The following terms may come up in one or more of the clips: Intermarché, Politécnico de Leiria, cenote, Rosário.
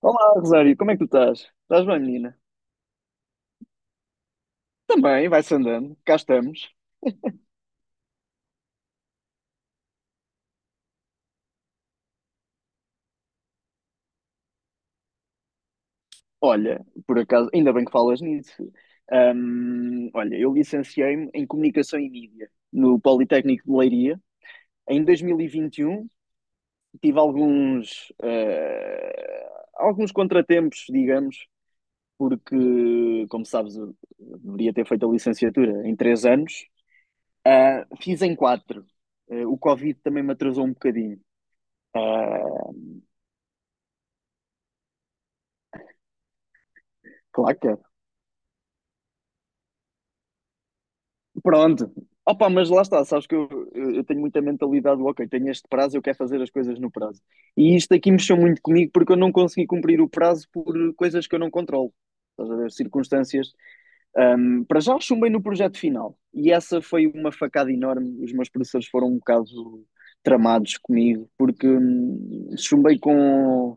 Olá, Rosário, como é que tu estás? Estás bem, menina? Também, vai-se andando, cá estamos. Olha, por acaso, ainda bem que falas nisso. Olha, eu licenciei-me em Comunicação e Mídia no Politécnico de Leiria. Em 2021 tive alguns contratempos, digamos, porque, como sabes, eu deveria ter feito a licenciatura em 3 anos. Ah, fiz em quatro. O Covid também me atrasou um bocadinho. Ah, claro. Pronto. Opa, mas lá está, sabes que eu tenho muita mentalidade do ok, tenho este prazo, eu quero fazer as coisas no prazo. E isto aqui mexeu muito comigo porque eu não consegui cumprir o prazo por coisas que eu não controlo. Estás a ver? Circunstâncias. Para já chumbei no projeto final. E essa foi uma facada enorme. Os meus professores foram um bocado tramados comigo porque chumbei com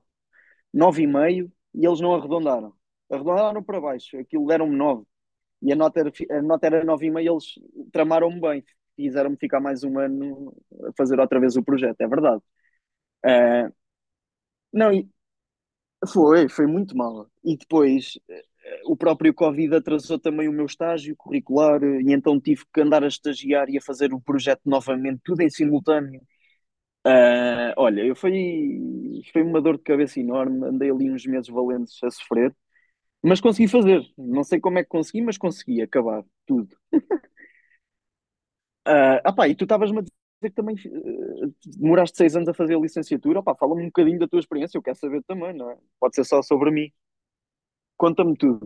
9,5 e eles não arredondaram. Arredondaram para baixo. Aquilo deram-me 9 e a nota era 9,5 e eles tramaram-me bem. Quiseram-me ficar mais um ano a fazer outra vez o projeto, é verdade. Eh, não, foi muito mal. E depois o próprio Covid atrasou também o meu estágio curricular, e então tive que andar a estagiar e a fazer o projeto novamente, tudo em simultâneo. Olha, foi uma dor de cabeça enorme, andei ali uns meses valentes a sofrer, mas consegui fazer. Não sei como é que consegui, mas consegui acabar tudo. Ah pá, e tu estavas-me a dizer que também demoraste 6 anos a fazer a licenciatura. Opá, fala-me um bocadinho da tua experiência, eu quero saber também, não é? Pode ser só sobre mim. Conta-me tudo.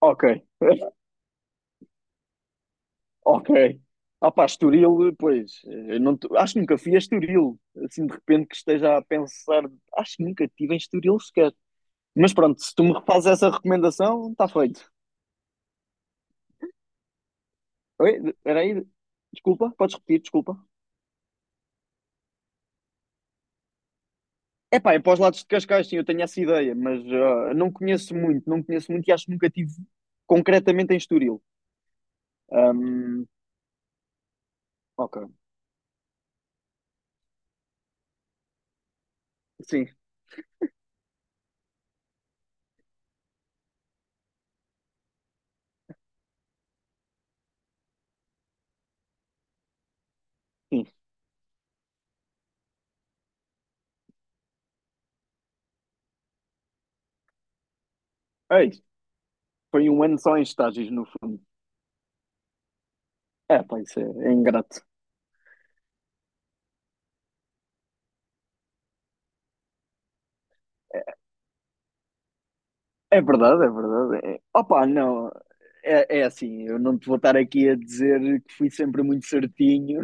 Ok. Ok. Ah pá, Estoril, pois, acho que nunca fui a Estoril, assim de repente que esteja a pensar, acho que nunca estive em Estoril sequer. Mas pronto, se tu me fazes essa recomendação, está feito. Oi, era aí, desculpa, podes repetir, desculpa. Epá, é para os lados de Cascais, sim, eu tenho essa ideia, mas não conheço muito, e acho que nunca tive concretamente em Estoril. Ahm, ok, sim, sim. É isso. Foi um ano só em estágios, no fundo. É, pá, isso é ingrato. É verdade, é verdade. É. Opa, não, é assim, eu não te vou estar aqui a dizer que fui sempre muito certinho,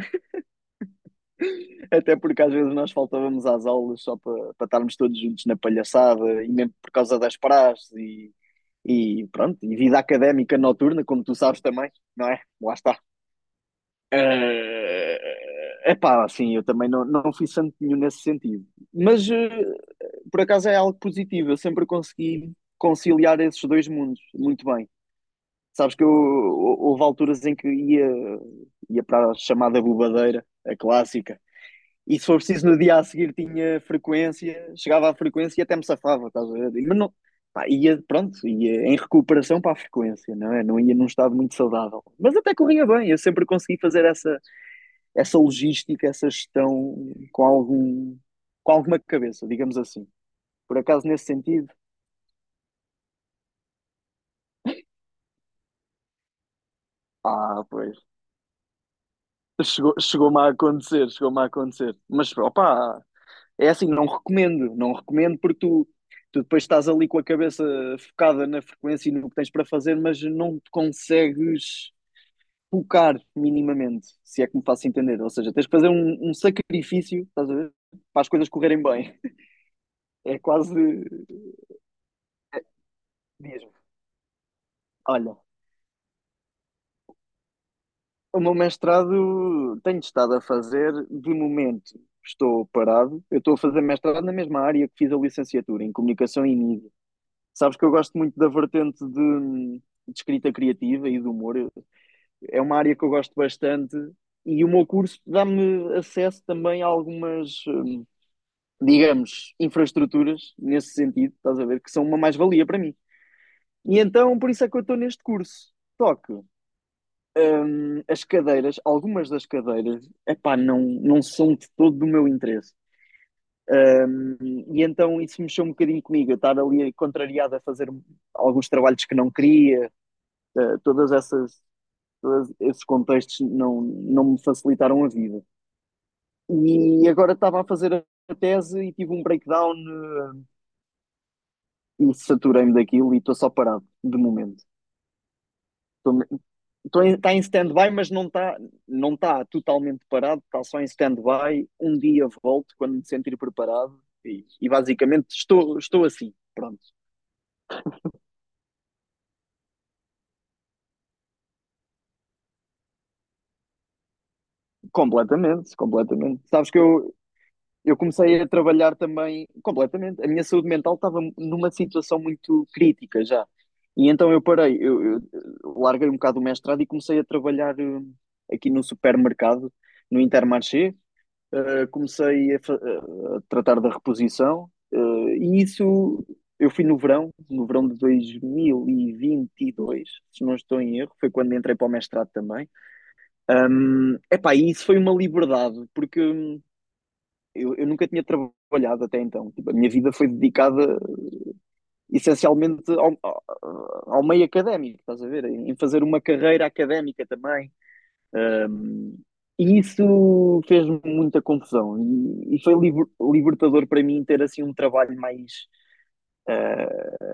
até porque às vezes nós faltávamos às aulas só para estarmos todos juntos na palhaçada e mesmo por causa das praxes. E pronto, e vida académica noturna, como tu sabes também, não é? Lá está. É pá, assim, eu também não fui santo nenhum nesse sentido. Mas por acaso é algo positivo, eu sempre consegui conciliar esses dois mundos muito bem. Sabes que eu, houve alturas em que ia para a chamada bobadeira, a clássica, e se for preciso, no dia a seguir tinha frequência, chegava à frequência e até me safava, estás a ver? Mas não, pá, ia, pronto, ia em recuperação para a frequência, não é? Não ia num estado muito saudável. Mas até corria bem, eu sempre consegui fazer essa logística, essa gestão com alguma cabeça, digamos assim. Por acaso, nesse sentido, pois, chegou-me a acontecer, chegou-me a acontecer. Mas, opá, é assim, não recomendo, não recomendo porque tu depois estás ali com a cabeça focada na frequência e no que tens para fazer, mas não te consegues focar minimamente, se é que me faço entender. Ou seja, tens que fazer um sacrifício, estás a ver? Para as coisas correrem bem. É quase mesmo. Olha, o meu mestrado tenho estado a fazer, de momento estou parado. Eu estou a fazer mestrado na mesma área que fiz a licenciatura, em comunicação e mídia. Sabes que eu gosto muito da vertente de escrita criativa e do humor. É uma área que eu gosto bastante e o meu curso dá-me acesso também a algumas, digamos, infraestruturas nesse sentido, estás a ver, que são uma mais-valia para mim. E então, por isso é que eu estou neste curso. Só que as cadeiras, algumas das cadeiras, epá, não são de todo do meu interesse. Hum, e então isso mexeu um bocadinho comigo, eu estar ali contrariado a fazer alguns trabalhos que não queria. Uh, todas essas, todos esses contextos não me facilitaram a vida. E agora estava a fazer a tese e tive um breakdown, e saturei-me daquilo e estou só parado, de momento. Está em stand-by, mas não tá totalmente parado, está só em stand-by. Um dia volto quando me sentir preparado e basicamente estou assim. Pronto, completamente, completamente. Sabes que eu comecei a trabalhar também completamente. A minha saúde mental estava numa situação muito crítica já. E então eu parei, eu larguei um bocado o mestrado e comecei a trabalhar, aqui no supermercado, no Intermarché. Comecei a tratar da reposição, e isso eu fui no verão, no verão de dois mil e vinte e dois se não estou em erro, foi quando entrei para o mestrado também. Epá, e isso foi uma liberdade, porque eu nunca tinha trabalhado até então. Tipo, a minha vida foi dedicada essencialmente ao meio académico, estás a ver? Em fazer uma carreira académica também. E isso fez-me muita confusão. E foi libertador para mim ter assim um trabalho mais,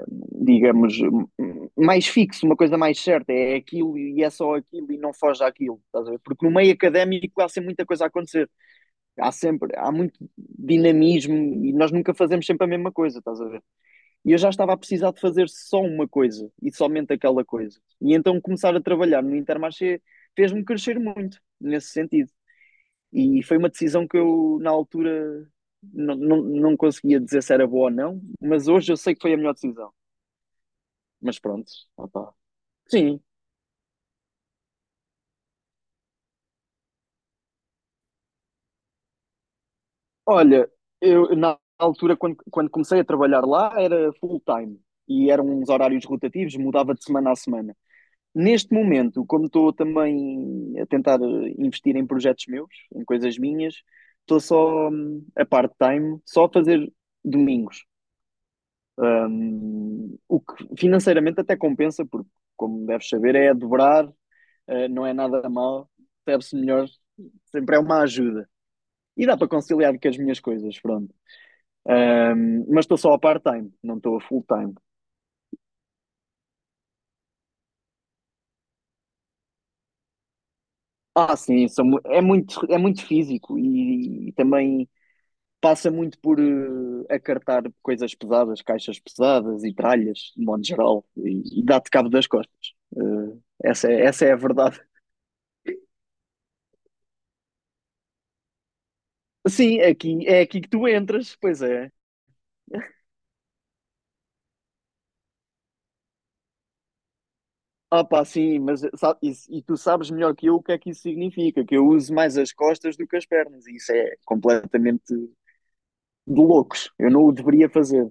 digamos, mais fixo, uma coisa mais certa. É aquilo e é só aquilo e não foge àquilo, estás a ver? Porque no meio académico há sempre muita coisa a acontecer. Há muito dinamismo e nós nunca fazemos sempre a mesma coisa, estás a ver? E eu já estava a precisar de fazer só uma coisa e somente aquela coisa. E então começar a trabalhar no Intermarché fez-me crescer muito nesse sentido. E foi uma decisão que eu, na altura, não conseguia dizer se era boa ou não, mas hoje eu sei que foi a melhor decisão. Mas pronto, opá. Sim, olha, eu na altura, quando comecei a trabalhar lá, era full time e eram uns horários rotativos, mudava de semana a semana. Neste momento, como estou também a tentar investir em projetos meus, em coisas minhas, estou só a part-time, só a fazer domingos. O que financeiramente até compensa, porque, como deves saber, é a dobrar, não é nada mal, serve-se melhor, sempre é uma ajuda. E dá para conciliar com as minhas coisas, pronto. Mas estou só a part-time, não estou a full-time. Ah, sim, é muito físico e também passa muito por acartar coisas pesadas, caixas pesadas e tralhas, de modo geral, e dá-te cabo das costas. Essa é a verdade. Sim, é aqui que tu entras, pois é. Ah, pá, sim, mas sabe, e tu sabes melhor que eu o que é que isso significa, que eu uso mais as costas do que as pernas, e isso é completamente de loucos. Eu não o deveria fazer.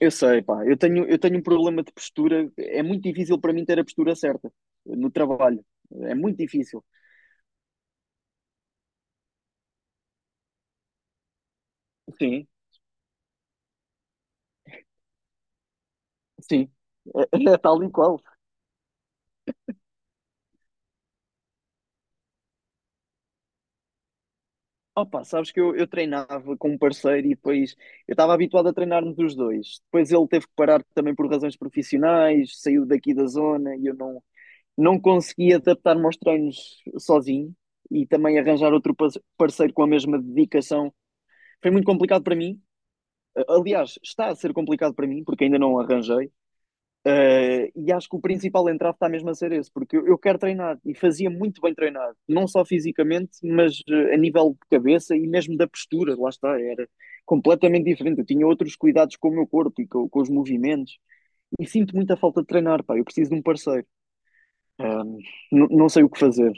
Eu sei, pá, eu tenho um problema de postura, é muito difícil para mim ter a postura certa no trabalho, é muito difícil. Sim, sim, é tal e qual. Opa, sabes que eu treinava com um parceiro e depois eu estava habituado a treinar-nos os dois. Depois ele teve que parar também por razões profissionais, saiu daqui da zona e eu não consegui adaptar-me aos treinos sozinho e também arranjar outro parceiro com a mesma dedicação. Foi muito complicado para mim. Aliás, está a ser complicado para mim porque ainda não arranjei. E acho que o principal entrave está mesmo a ser esse, porque eu quero treinar e fazia muito bem treinar, não só fisicamente, mas a nível de cabeça e mesmo da postura, lá está, era completamente diferente. Eu tinha outros cuidados com o meu corpo e com os movimentos, e sinto muita falta de treinar, pá. Eu preciso de um parceiro, um, não sei o que fazer.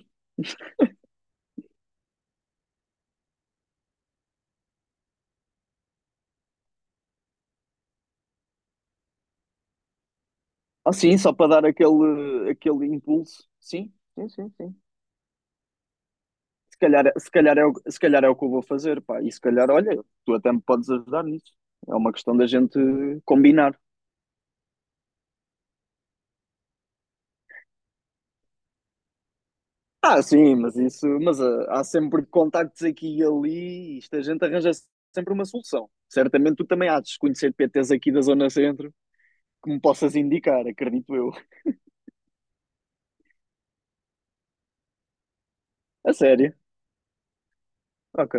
Ah, sim, só para dar aquele impulso, sim, sim, sim, sim. Se calhar, se calhar é o que eu vou fazer, pá. E se calhar, olha, tu até me podes ajudar nisso. É uma questão da gente combinar. Ah, sim, há sempre contactos aqui e ali, e isto a gente arranja sempre uma solução. Certamente tu também há de conhecer PTs aqui da Zona Centro que me possas indicar, acredito eu. A sério? Ok.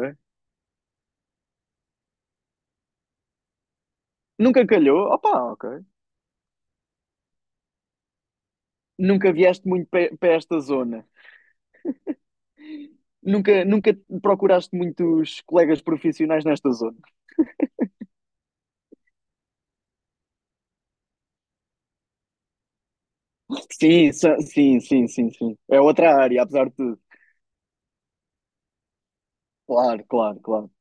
Nunca calhou? Opa, ok. Nunca vieste muito para esta zona. Nunca, nunca procuraste muitos colegas profissionais nesta zona. Sim, sim, sim, sim, sim. É outra área, apesar de tudo. Claro, claro, claro.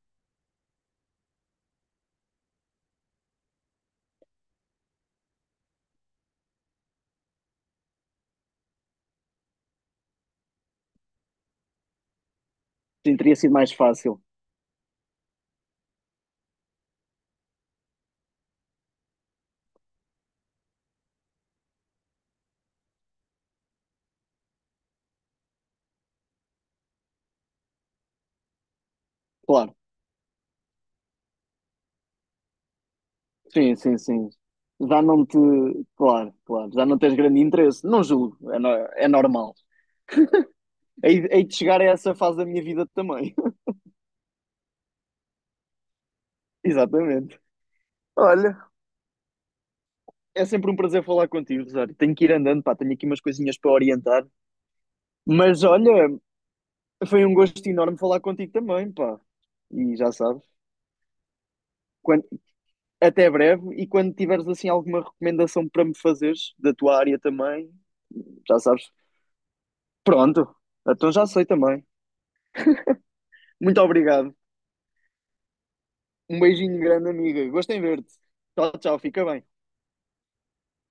Sim, teria sido mais fácil. Claro. Sim, sim, sim. Já não te. Claro, claro. Já não tens grande interesse. Não julgo. É, é normal. Hei de chegar a essa fase da minha vida também. Exatamente. Olha, é sempre um prazer falar contigo, Rosário. Tenho que ir andando, pá. Tenho aqui umas coisinhas para orientar. Mas olha, foi um gosto enorme falar contigo também, pá. E já sabes. Quando Até breve e quando tiveres assim alguma recomendação para me fazeres da tua área também, já sabes. Pronto, então já sei também. Muito obrigado. Um beijinho grande, amiga. Gostei em ver-te. Tchau, tchau. Fica bem.